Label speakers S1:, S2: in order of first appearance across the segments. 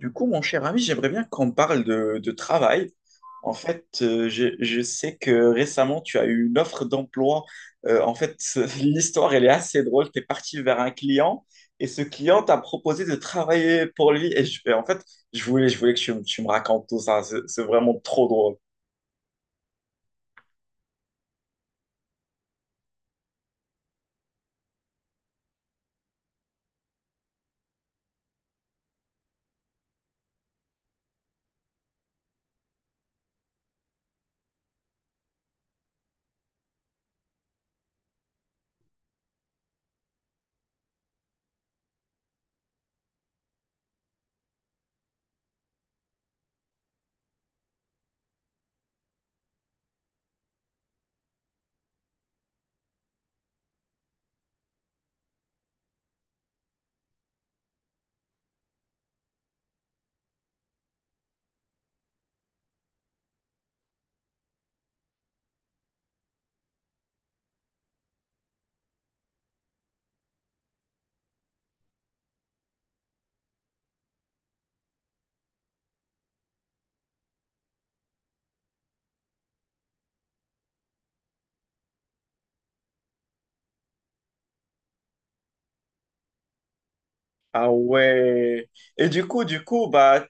S1: Du coup, mon cher ami, j'aimerais bien qu'on parle de travail. En fait, je sais que récemment, tu as eu une offre d'emploi. En fait, l'histoire, elle est assez drôle. Tu es parti vers un client et ce client t'a proposé de travailler pour lui. Et en fait, je voulais que tu me racontes tout ça. C'est vraiment trop drôle. Ah ouais. Et du coup, bah,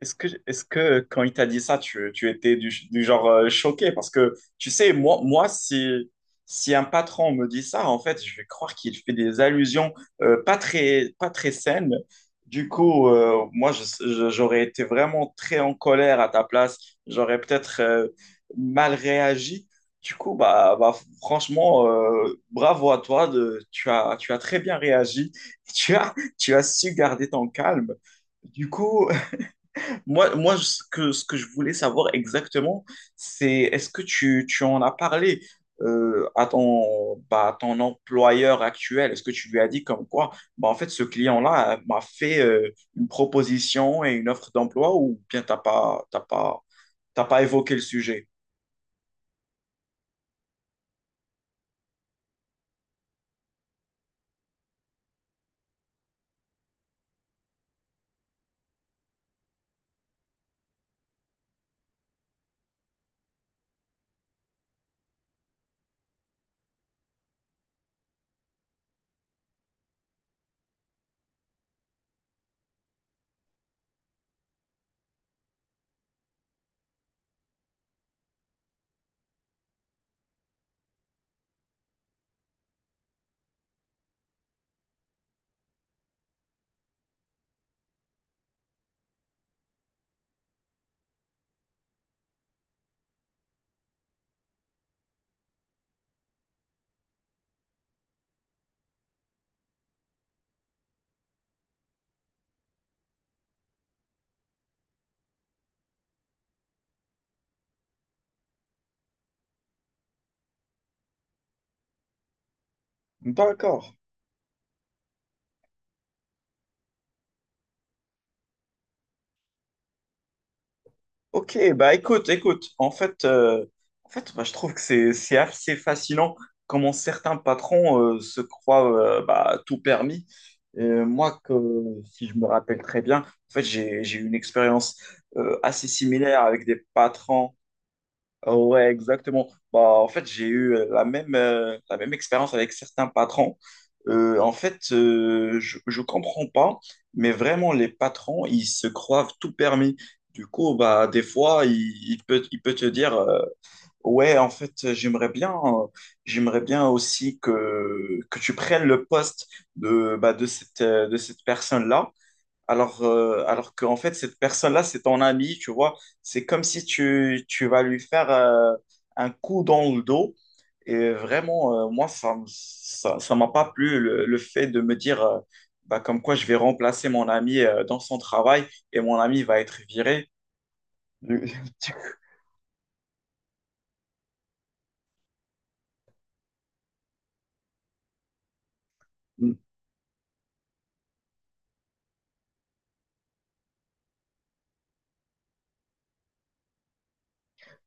S1: est-ce que quand il t'a dit ça, tu étais du genre choqué? Parce que, tu sais, moi si, si un patron me dit ça, en fait, je vais croire qu'il fait des allusions pas très saines. Du coup, moi, j'aurais été vraiment très en colère à ta place. J'aurais peut-être mal réagi. Du coup, bah, franchement, bravo à toi. Tu as, tu as très bien réagi. Tu as su garder ton calme. Du coup, moi, ce que je voulais savoir exactement, c'est est-ce que tu en as parlé à ton employeur actuel? Est-ce que tu lui as dit comme quoi, bah, en fait, ce client-là m'a fait une proposition et une offre d'emploi ou bien t'as pas évoqué le sujet? D'accord. Ok, bah écoute, en fait, en fait, je trouve que c'est assez fascinant comment certains patrons se croient bah, tout permis. Et moi, que, Si je me rappelle très bien, en fait, j'ai eu une expérience assez similaire avec des patrons. Ouais, exactement. Bah, en fait, j'ai eu la même expérience avec certains patrons. Je ne comprends pas, mais vraiment, les patrons, ils se croient tout permis. Du coup, bah, des fois, il peut te dire, ouais, en fait, j'aimerais bien aussi que tu prennes le poste de, bah, de de cette personne-là. Alors qu'en fait, cette personne-là, c'est ton ami, tu vois. C'est comme si tu vas lui faire un coup dans le dos. Et vraiment, moi, ça m'a pas plu le fait de me dire bah, comme quoi je vais remplacer mon ami dans son travail et mon ami va être viré.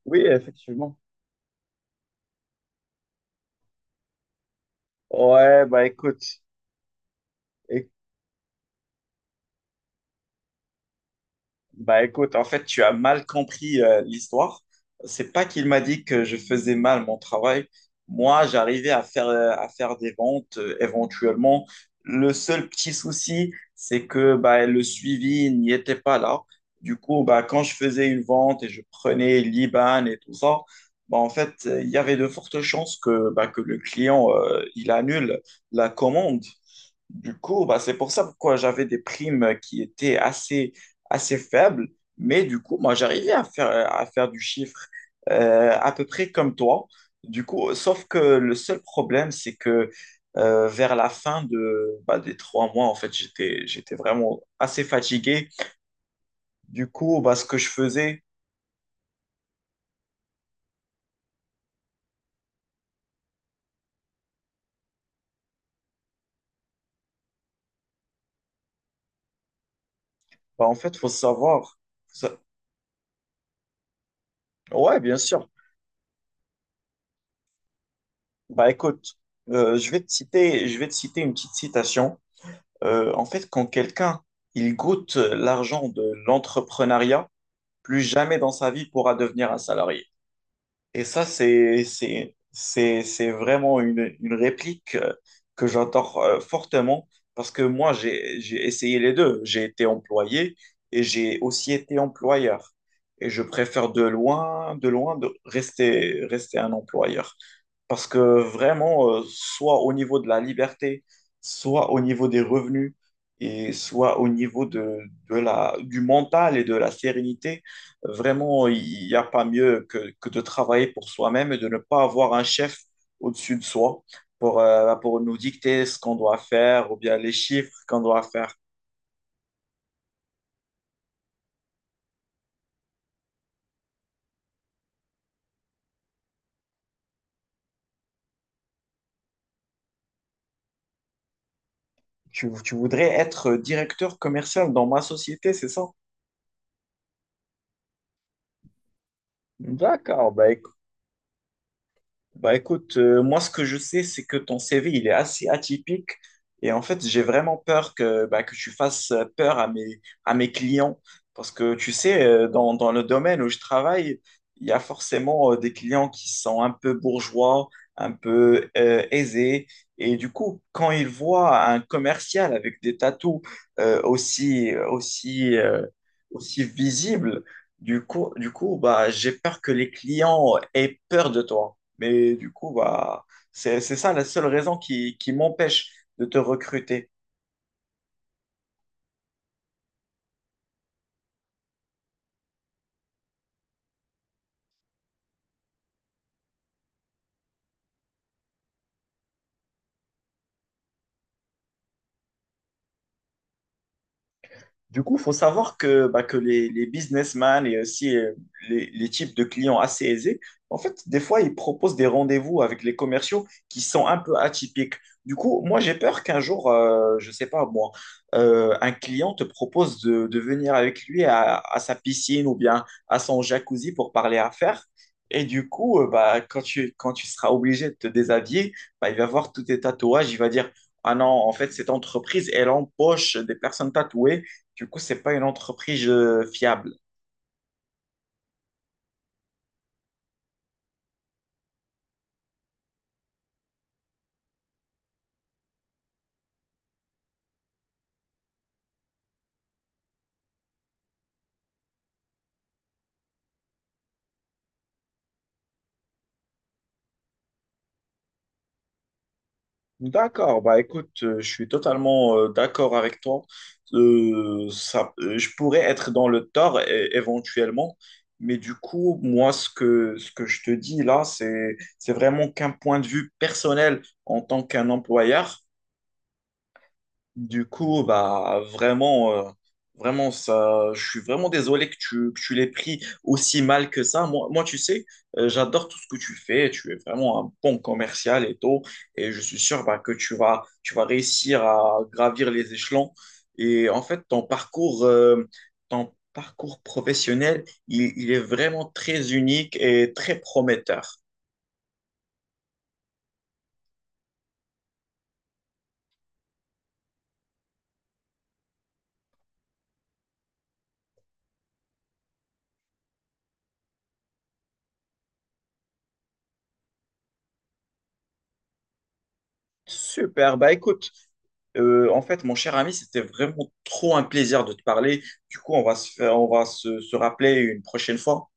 S1: Oui, effectivement. Ouais, bah écoute. Bah écoute, en fait, tu as mal compris l'histoire. C'est pas qu'il m'a dit que je faisais mal mon travail. Moi, j'arrivais à faire des ventes éventuellement. Le seul petit souci, c'est que bah, le suivi n'y était pas là. Du coup, bah, quand je faisais une vente et je prenais l'IBAN et tout ça, bah, en fait, il y avait de fortes chances que, bah, que le client il annule la commande. Du coup, bah, c'est pour ça pourquoi j'avais des primes qui étaient assez, assez faibles. Mais du coup, moi, j'arrivais à faire du chiffre à peu près comme toi. Du coup, sauf que le seul problème, c'est que vers la fin de, bah, des 3 mois, en fait, j'étais vraiment assez fatigué. Du coup, bah, ce que je faisais, bah, en fait, faut savoir. Ça- Ouais, bien sûr. Bah, écoute, je vais te citer une petite citation. Quand quelqu'un, il goûte l'argent de l'entrepreneuriat, plus jamais dans sa vie pourra devenir un salarié. Et ça, c'est vraiment une réplique que j'entends fortement parce que moi, j'ai essayé les deux. J'ai été employé et j'ai aussi été employeur. Et je préfère de loin de rester un employeur. Parce que vraiment, soit au niveau de la liberté, soit au niveau des revenus, et soit au niveau du mental et de la sérénité, vraiment, il n'y a pas mieux que de travailler pour soi-même et de ne pas avoir un chef au-dessus de soi pour nous dicter ce qu'on doit faire ou bien les chiffres qu'on doit faire. Tu voudrais être directeur commercial dans ma société, c'est ça? D'accord, bah bah écoute, moi ce que je sais, c'est que ton CV, il est assez atypique et en fait, j'ai vraiment peur que, bah, que tu fasses peur à mes clients parce que tu sais, dans le domaine où je travaille, il y a forcément des clients qui sont un peu bourgeois, un peu aisés et du coup, quand ils voient un commercial avec des tatous euh, aussi, aussi, euh, aussi visibles, du coup, bah, j'ai peur que les clients aient peur de toi. Mais du coup, bah, c'est ça la seule raison qui m'empêche de te recruter. Du coup, faut savoir que, bah, que les businessmen et aussi les types de clients assez aisés, en fait, des fois, ils proposent des rendez-vous avec les commerciaux qui sont un peu atypiques. Du coup, moi, j'ai peur qu'un jour, je sais pas moi, un client te propose de venir avec lui à sa piscine ou bien à son jacuzzi pour parler affaires. Et du coup, bah, quand quand tu seras obligé de te déshabiller, bah, il va voir tous tes tatouages, il va dire, ah non, en fait, cette entreprise, elle empoche des personnes tatouées du coup, c'est pas une entreprise fiable. D'accord, bah écoute, je suis totalement d'accord avec toi. Ça, je pourrais être dans le tort éventuellement, mais du coup, moi, ce que je te dis là, c'est vraiment qu'un point de vue personnel en tant qu'un employeur. Du coup, bah vraiment, vraiment ça, je suis vraiment désolé que que tu l'aies pris aussi mal que ça. Moi, moi tu sais, j'adore tout ce que tu fais. Tu es vraiment un bon commercial et tout, et je suis sûr bah, que tu vas réussir à gravir les échelons. Et en fait, ton parcours professionnel, il est vraiment très unique et très prometteur. Super. Bah écoute. En fait, mon cher ami, c'était vraiment trop un plaisir de te parler. Du coup, on va se rappeler une prochaine fois.